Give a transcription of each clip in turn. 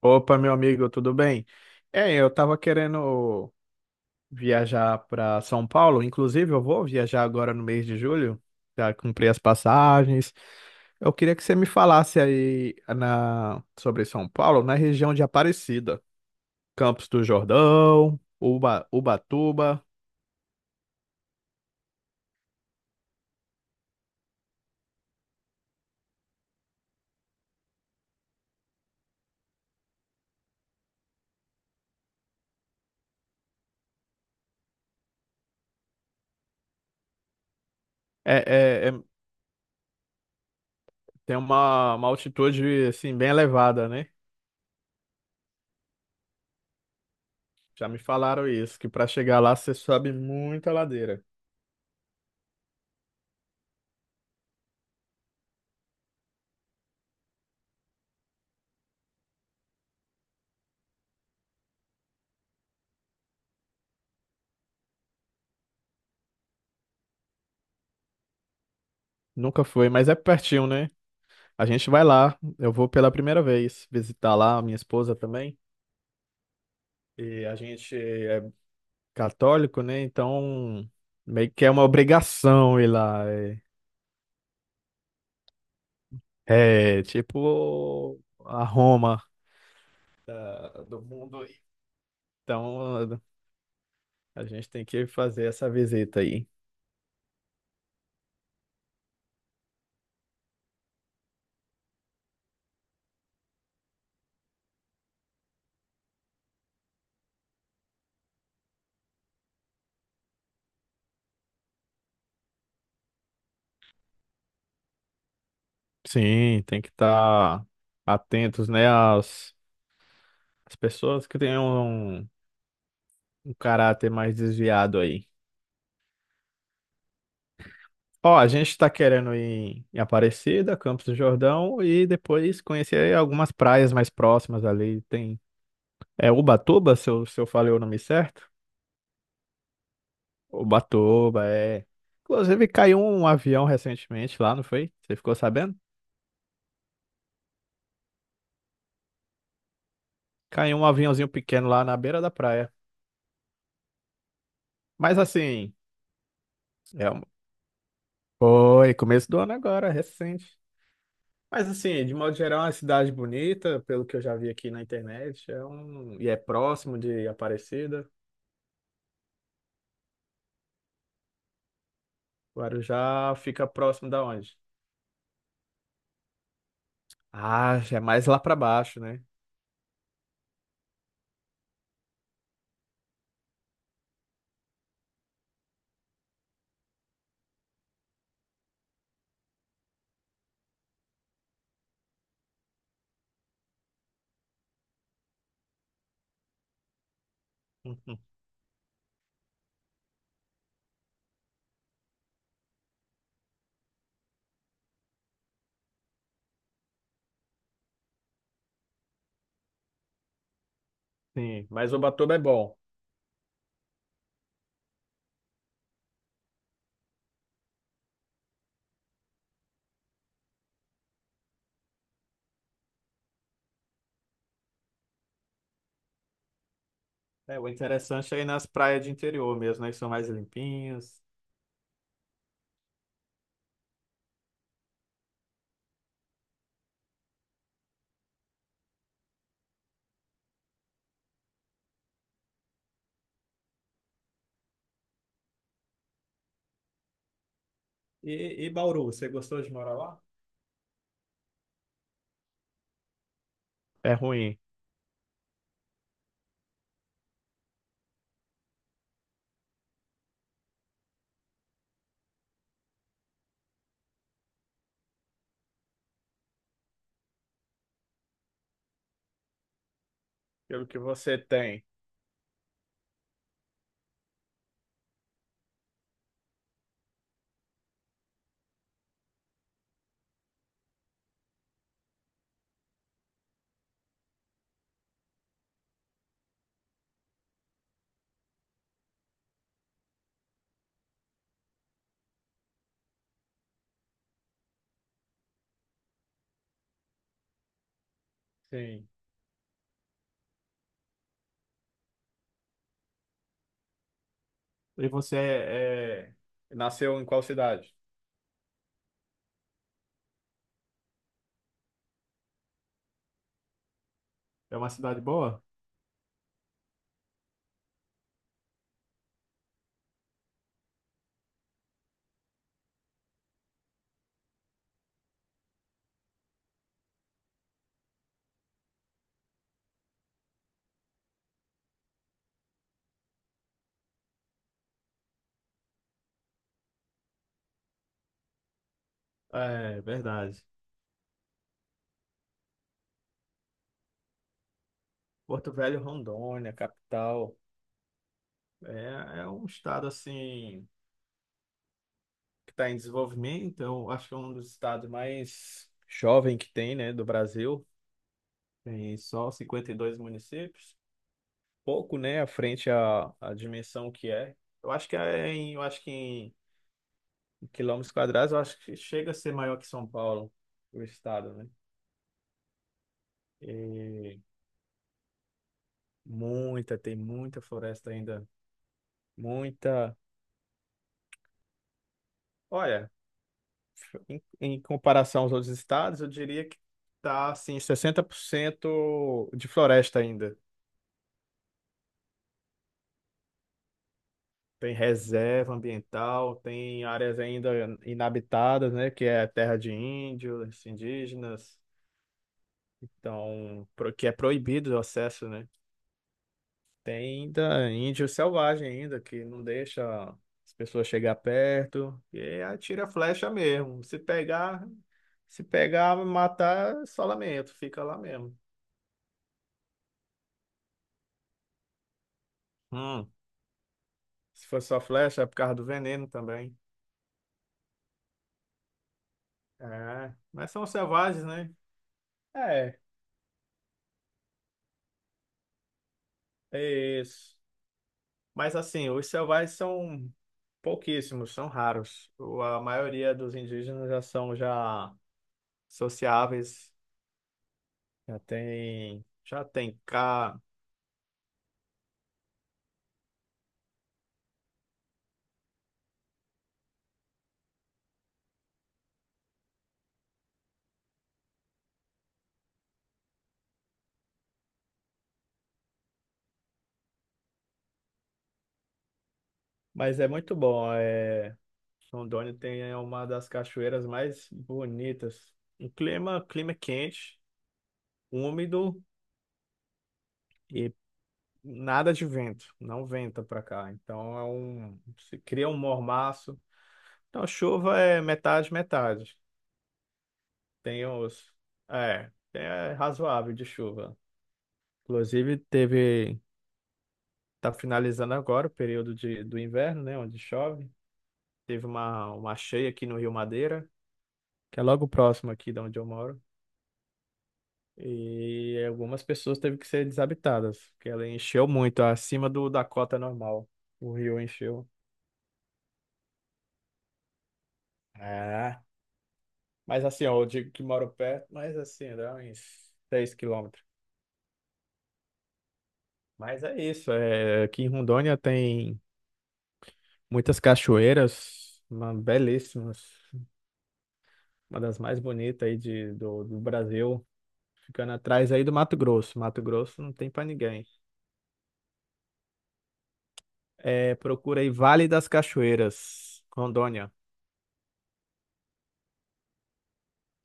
Opa, meu amigo, tudo bem? Eu tava querendo viajar para São Paulo, inclusive eu vou viajar agora no mês de julho, já comprei as passagens. Eu queria que você me falasse sobre São Paulo, na região de Aparecida, Campos do Jordão, Ubatuba. É, é, é- Tem uma altitude assim bem elevada, né? Já me falaram isso, que para chegar lá você sobe muita ladeira. Nunca foi, mas é pertinho, né? A gente vai lá, eu vou pela primeira vez visitar lá a minha esposa também. E a gente é católico, né? Então, meio que é uma obrigação ir lá. É, é tipo a Roma do mundo. Então, a gente tem que fazer essa visita aí. Sim, tem que estar atentos, né, às pessoas que tenham um caráter mais desviado aí. Ó, a gente tá querendo ir em Aparecida, Campos do Jordão e depois conhecer algumas praias mais próximas ali. Tem é Ubatuba, se eu falei o nome certo? Ubatuba, é. Inclusive caiu um avião recentemente lá, não foi? Você ficou sabendo? Caiu um aviãozinho pequeno lá na beira da praia. Mas assim, é um... foi começo do ano agora, recente. Mas assim, de modo geral, é uma cidade bonita, pelo que eu já vi aqui na internet. E é próximo de Aparecida. Guarujá fica próximo da onde? Ah, já é mais lá para baixo, né? Uhum. Sim, mas Ubatuba é bom. É, o interessante é ir nas praias de interior mesmo, né? Que são mais limpinhas. E Bauru, você gostou de morar lá? É ruim. Pelo que você tem. Sim. E você é... é, nasceu em qual cidade? É uma cidade boa? É, verdade. Porto Velho, Rondônia, capital. É um estado assim que está em desenvolvimento. Eu acho que é um dos estados mais jovem que tem, né, do Brasil. Tem só 52 municípios. Pouco, né, à frente à dimensão que é. Eu acho que em quilômetros quadrados, eu acho que chega a ser maior que São Paulo, o estado, né? E muita, tem muita floresta ainda, muita. Olha, em comparação aos outros estados, eu diria que está assim, 60% de floresta ainda. Tem reserva ambiental, tem áreas ainda inabitadas, né, que é terra de índios, indígenas, então, que é proibido o acesso, né? Tem ainda índio selvagem ainda que não deixa as pessoas chegar perto, e aí atira a flecha mesmo. Se pegar, matar, é só lamento, fica lá mesmo. Hum. Se for só flecha, é por causa do veneno também. É, mas são selvagens, né? É, é isso. Mas assim, os selvagens são pouquíssimos, são raros. A maioria dos indígenas já são já sociáveis, já tem cá. Mas é muito bom. É, Rondônia tem é uma das cachoeiras mais bonitas. Clima quente, úmido. e Nada de vento, não venta para cá. Então é um, se cria um mormaço. Então chuva é metade, metade. Tem os, é razoável de chuva. Inclusive teve, tá finalizando agora o período do inverno, né, onde chove. Teve uma cheia aqui no Rio Madeira, que é logo próximo aqui de onde eu moro. E algumas pessoas teve que ser desabitadas, porque ela encheu muito, acima do da cota normal. O rio encheu. É. Mas assim, ó, eu digo que moro perto, mas assim, dá uns 6 quilômetros. Mas é isso, é, aqui em Rondônia tem muitas cachoeiras, belíssimas, uma das mais bonitas aí de, do Brasil, ficando atrás aí do Mato Grosso. Mato Grosso não tem pra ninguém. É, procura aí Vale das Cachoeiras, Rondônia.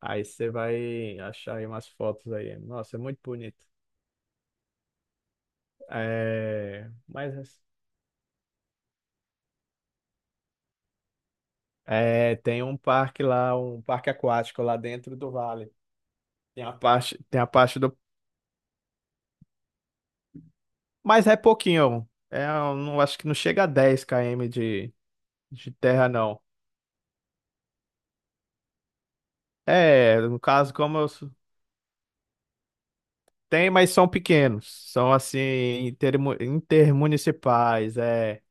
Aí você vai achar aí umas fotos aí. Nossa, é muito bonito. É, mas tem um parque lá, um parque aquático lá dentro do vale. Tem a parte do. Mas é pouquinho. É, eu não acho que não chega a 10 km de terra, não. É, no caso, como eu. Sou- Tem, mas são pequenos. São assim, intermunicipais. É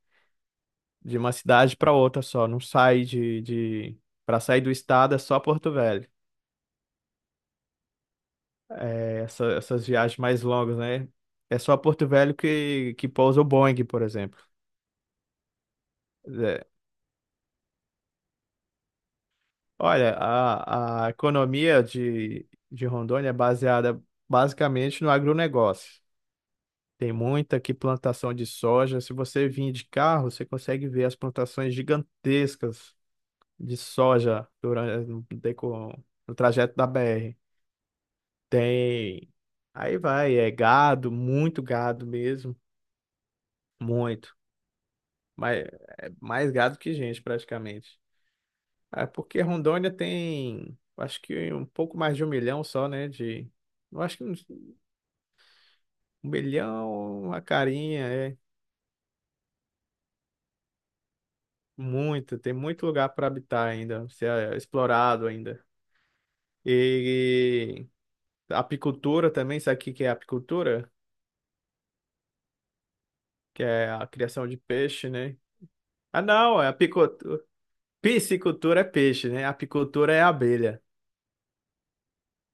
de uma cidade para outra só. Não sai de... Para sair do estado é só Porto Velho. Essas viagens mais longas, né? É só Porto Velho que pousa o Boeing, por exemplo. É, Olha, a economia de Rondônia é baseada basicamente no agronegócio. Tem muita aqui plantação de soja. Se você vir de carro, você consegue ver as plantações gigantescas de soja durante no, deco- no trajeto da BR. Tem. Aí vai, é gado, muito gado mesmo, muito. Mas é mais gado que gente, praticamente. É porque Rondônia tem, acho que um pouco mais de 1 milhão só, né? De, eu acho que uns- 1 milhão, uma carinha, é muito. Tem muito lugar para habitar ainda, ser explorado ainda. E apicultura também, sabe o que que é apicultura? Que é a criação de peixe, né? Ah, não, é apicultura. Piscicultura é peixe, né? Apicultura é abelha.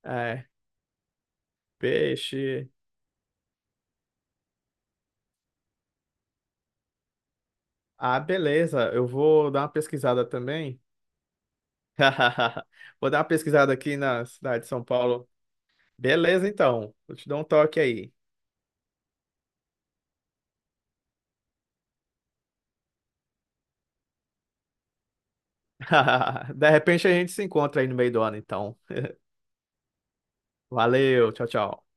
É, peixe. Ah, beleza. Eu vou dar uma pesquisada também. Vou dar uma pesquisada aqui na cidade de São Paulo. Beleza, então. Vou te dar um toque aí. De repente a gente se encontra aí no meio do ano, então. Valeu, tchau, tchau.